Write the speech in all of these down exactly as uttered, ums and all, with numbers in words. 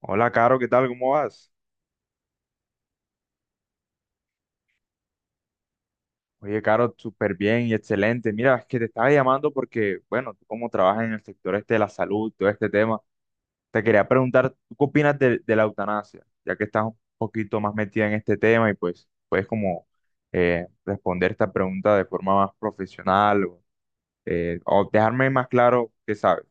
Hola, Caro, ¿qué tal? ¿Cómo vas? Oye, Caro, súper bien y excelente. Mira, es que te estaba llamando porque, bueno, tú como trabajas en el sector este de la salud, todo este tema, te quería preguntar, ¿tú qué opinas de, de la eutanasia? Ya que estás un poquito más metida en este tema y pues puedes como eh, responder esta pregunta de forma más profesional o, eh, o dejarme más claro qué sabes.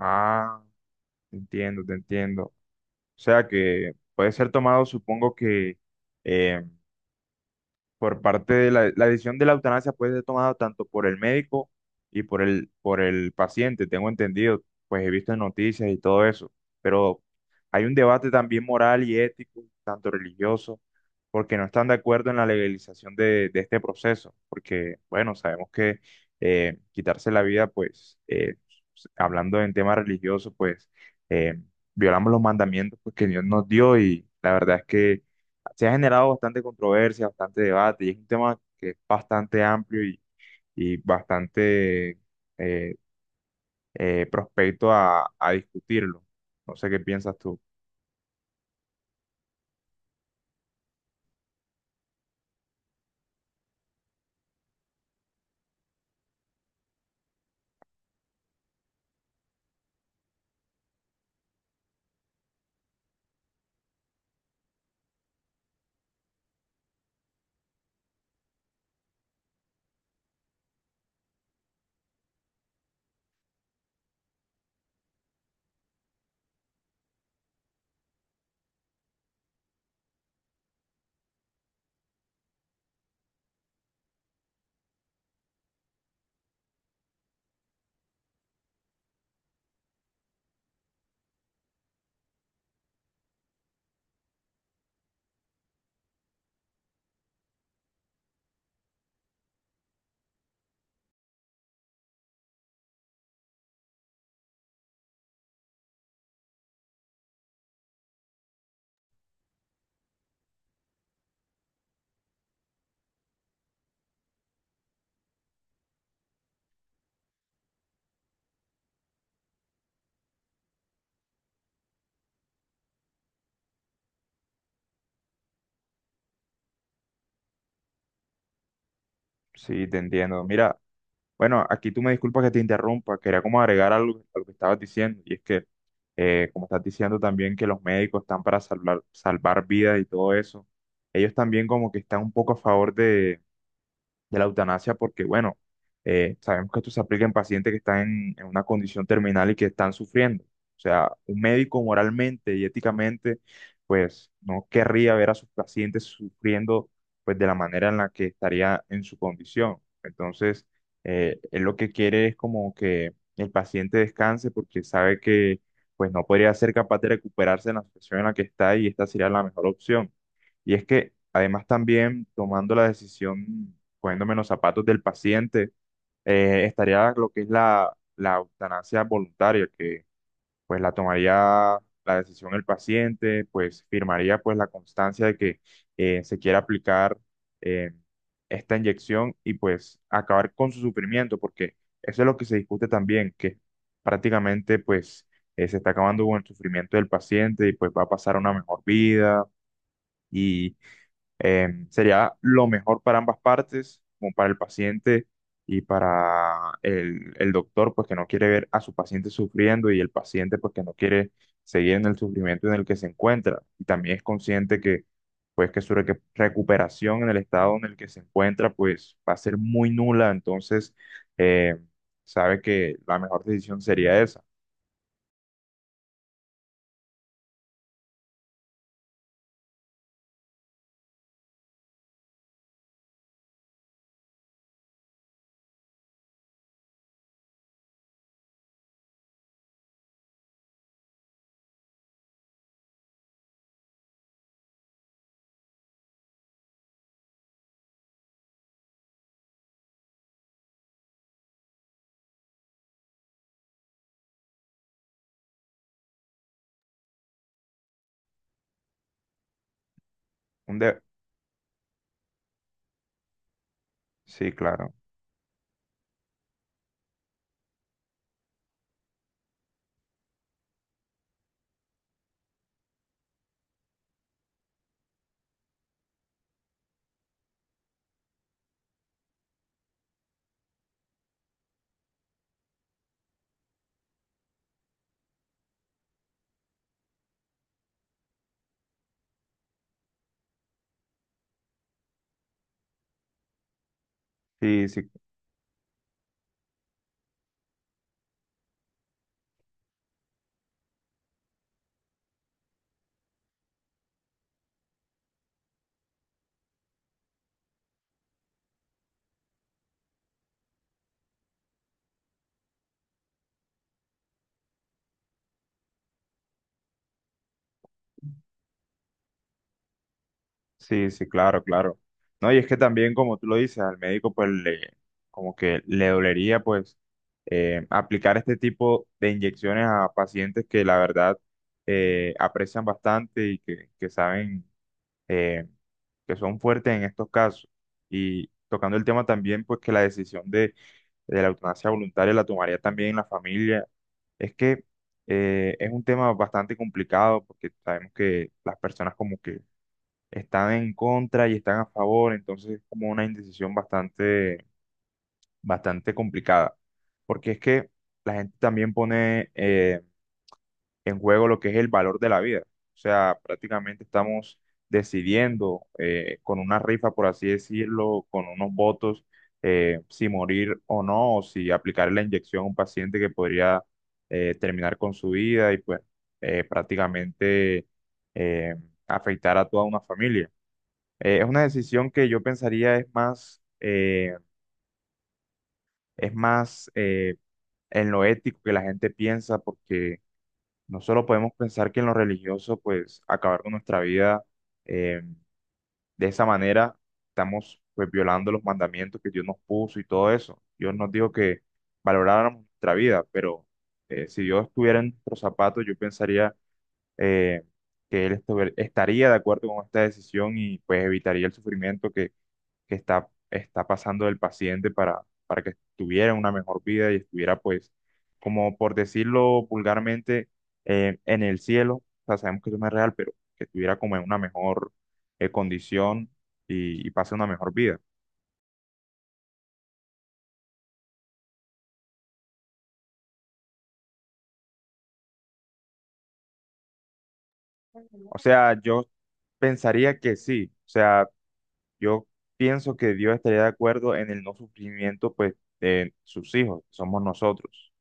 Ah, te entiendo, te entiendo. O sea que puede ser tomado, supongo que... eh, por parte de la, la decisión de la eutanasia puede ser tomada tanto por el médico y por el, por el paciente, tengo entendido, pues he visto en noticias y todo eso, pero hay un debate también moral y ético, tanto religioso, porque no están de acuerdo en la legalización de, de este proceso, porque, bueno, sabemos que eh, quitarse la vida, pues, eh, hablando en tema religioso, pues, eh, violamos los mandamientos pues, que Dios nos dio y la verdad es que se ha generado bastante controversia, bastante debate, y es un tema que es bastante amplio y, y bastante eh, eh, prospecto a, a discutirlo. No sé qué piensas tú. Sí, te entiendo. Mira, bueno, aquí tú me disculpas que te interrumpa, quería como agregar algo a lo que estabas diciendo, y es que, eh, como estás diciendo también que los médicos están para salvar, salvar vidas y todo eso, ellos también como que están un poco a favor de de la eutanasia porque, bueno, eh, sabemos que esto se aplica en pacientes que están en, en una condición terminal y que están sufriendo. O sea, un médico moralmente y éticamente, pues no querría ver a sus pacientes sufriendo, pues de la manera en la que estaría en su condición. Entonces, eh, él lo que quiere es como que el paciente descanse porque sabe que, pues no podría ser capaz de recuperarse en la situación en la que está y esta sería la mejor opción. Y es que además también tomando la decisión poniéndome en los zapatos del paciente, eh, estaría lo que es la, la eutanasia voluntaria, que pues la tomaría la decisión el paciente, pues firmaría pues la constancia de que eh, se quiere aplicar eh, esta inyección y pues acabar con su sufrimiento, porque eso es lo que se discute también, que prácticamente pues eh, se está acabando con el sufrimiento del paciente y pues va a pasar a una mejor vida. Y eh, sería lo mejor para ambas partes, como para el paciente y para el, el doctor, pues que no quiere ver a su paciente sufriendo y el paciente, pues que no quiere seguir en el sufrimiento en el que se encuentra. Y también es consciente que, pues que su recu- recuperación en el estado en el que se encuentra, pues va a ser muy nula. Entonces, eh, sabe que la mejor decisión sería esa. Un de- sí, claro. Sí, sí. Sí, sí, claro, claro. No, y es que también, como tú lo dices, al médico pues le, como que le dolería pues eh, aplicar este tipo de inyecciones a pacientes que la verdad eh, aprecian bastante y que, que saben eh, que son fuertes en estos casos. Y tocando el tema también pues que la decisión de, de la eutanasia voluntaria la tomaría también la familia. Es que eh, es un tema bastante complicado porque sabemos que las personas como que están en contra y están a favor, entonces es como una indecisión bastante, bastante complicada, porque es que la gente también pone eh, en juego lo que es el valor de la vida, o sea, prácticamente estamos decidiendo eh, con una rifa, por así decirlo, con unos votos, eh, si morir o no, o si aplicar la inyección a un paciente que podría eh, terminar con su vida y pues eh, prácticamente eh, afectar a toda una familia. Eh, es una decisión que yo pensaría es más, eh, es más eh, en lo ético que la gente piensa, porque no solo podemos pensar que en lo religioso, pues acabar con nuestra vida eh, de esa manera, estamos pues violando los mandamientos que Dios nos puso y todo eso. Dios nos dijo que valoráramos nuestra vida, pero eh, si Dios estuviera en nuestros zapatos, yo pensaría eh, que Él estuviera- estaría de acuerdo con esta decisión y pues evitaría el sufrimiento que que está, está pasando el paciente para, para que tuviera una mejor vida y estuviera, pues, como por decirlo vulgarmente, eh, en el cielo. O sea, sabemos que eso no es real, pero que estuviera como en una mejor eh, condición y, y pase una mejor vida. O sea, yo pensaría que sí. O sea, yo pienso que Dios estaría de acuerdo en el no sufrimiento, pues, de sus hijos, que somos nosotros.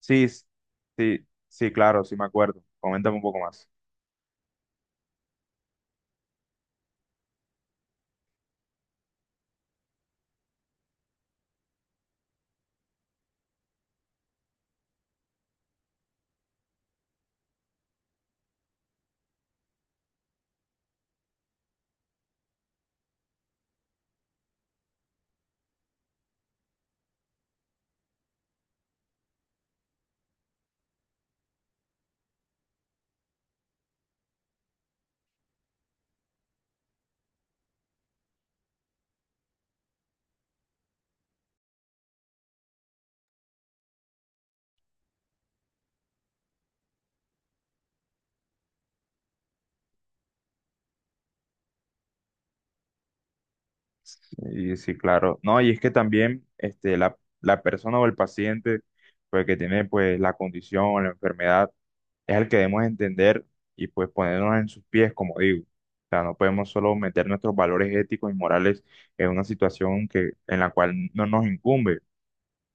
Sí, s- sí, sí, claro, sí me acuerdo. Coméntame un poco más. Sí, sí, claro. No, y es que también este, la, la persona o el paciente pues, que tiene pues, la condición o la enfermedad es el que debemos entender y pues ponernos en sus pies, como digo. O sea, no podemos solo meter nuestros valores éticos y morales en una situación que, en la cual no nos incumbe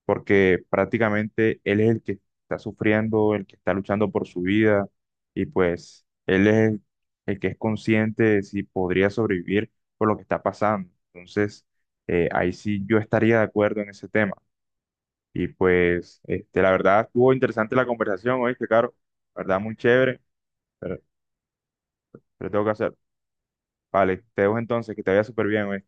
porque prácticamente él es el que está sufriendo, el que está luchando por su vida y pues él es el, el que es consciente de si podría sobrevivir por lo que está pasando. Entonces, eh, ahí sí yo estaría de acuerdo en ese tema. Y pues, este, la verdad, estuvo interesante la conversación, oíste, Caro, la verdad, muy chévere, pero, pero tengo que hacer. Vale, te dejo entonces, que te vaya súper bien,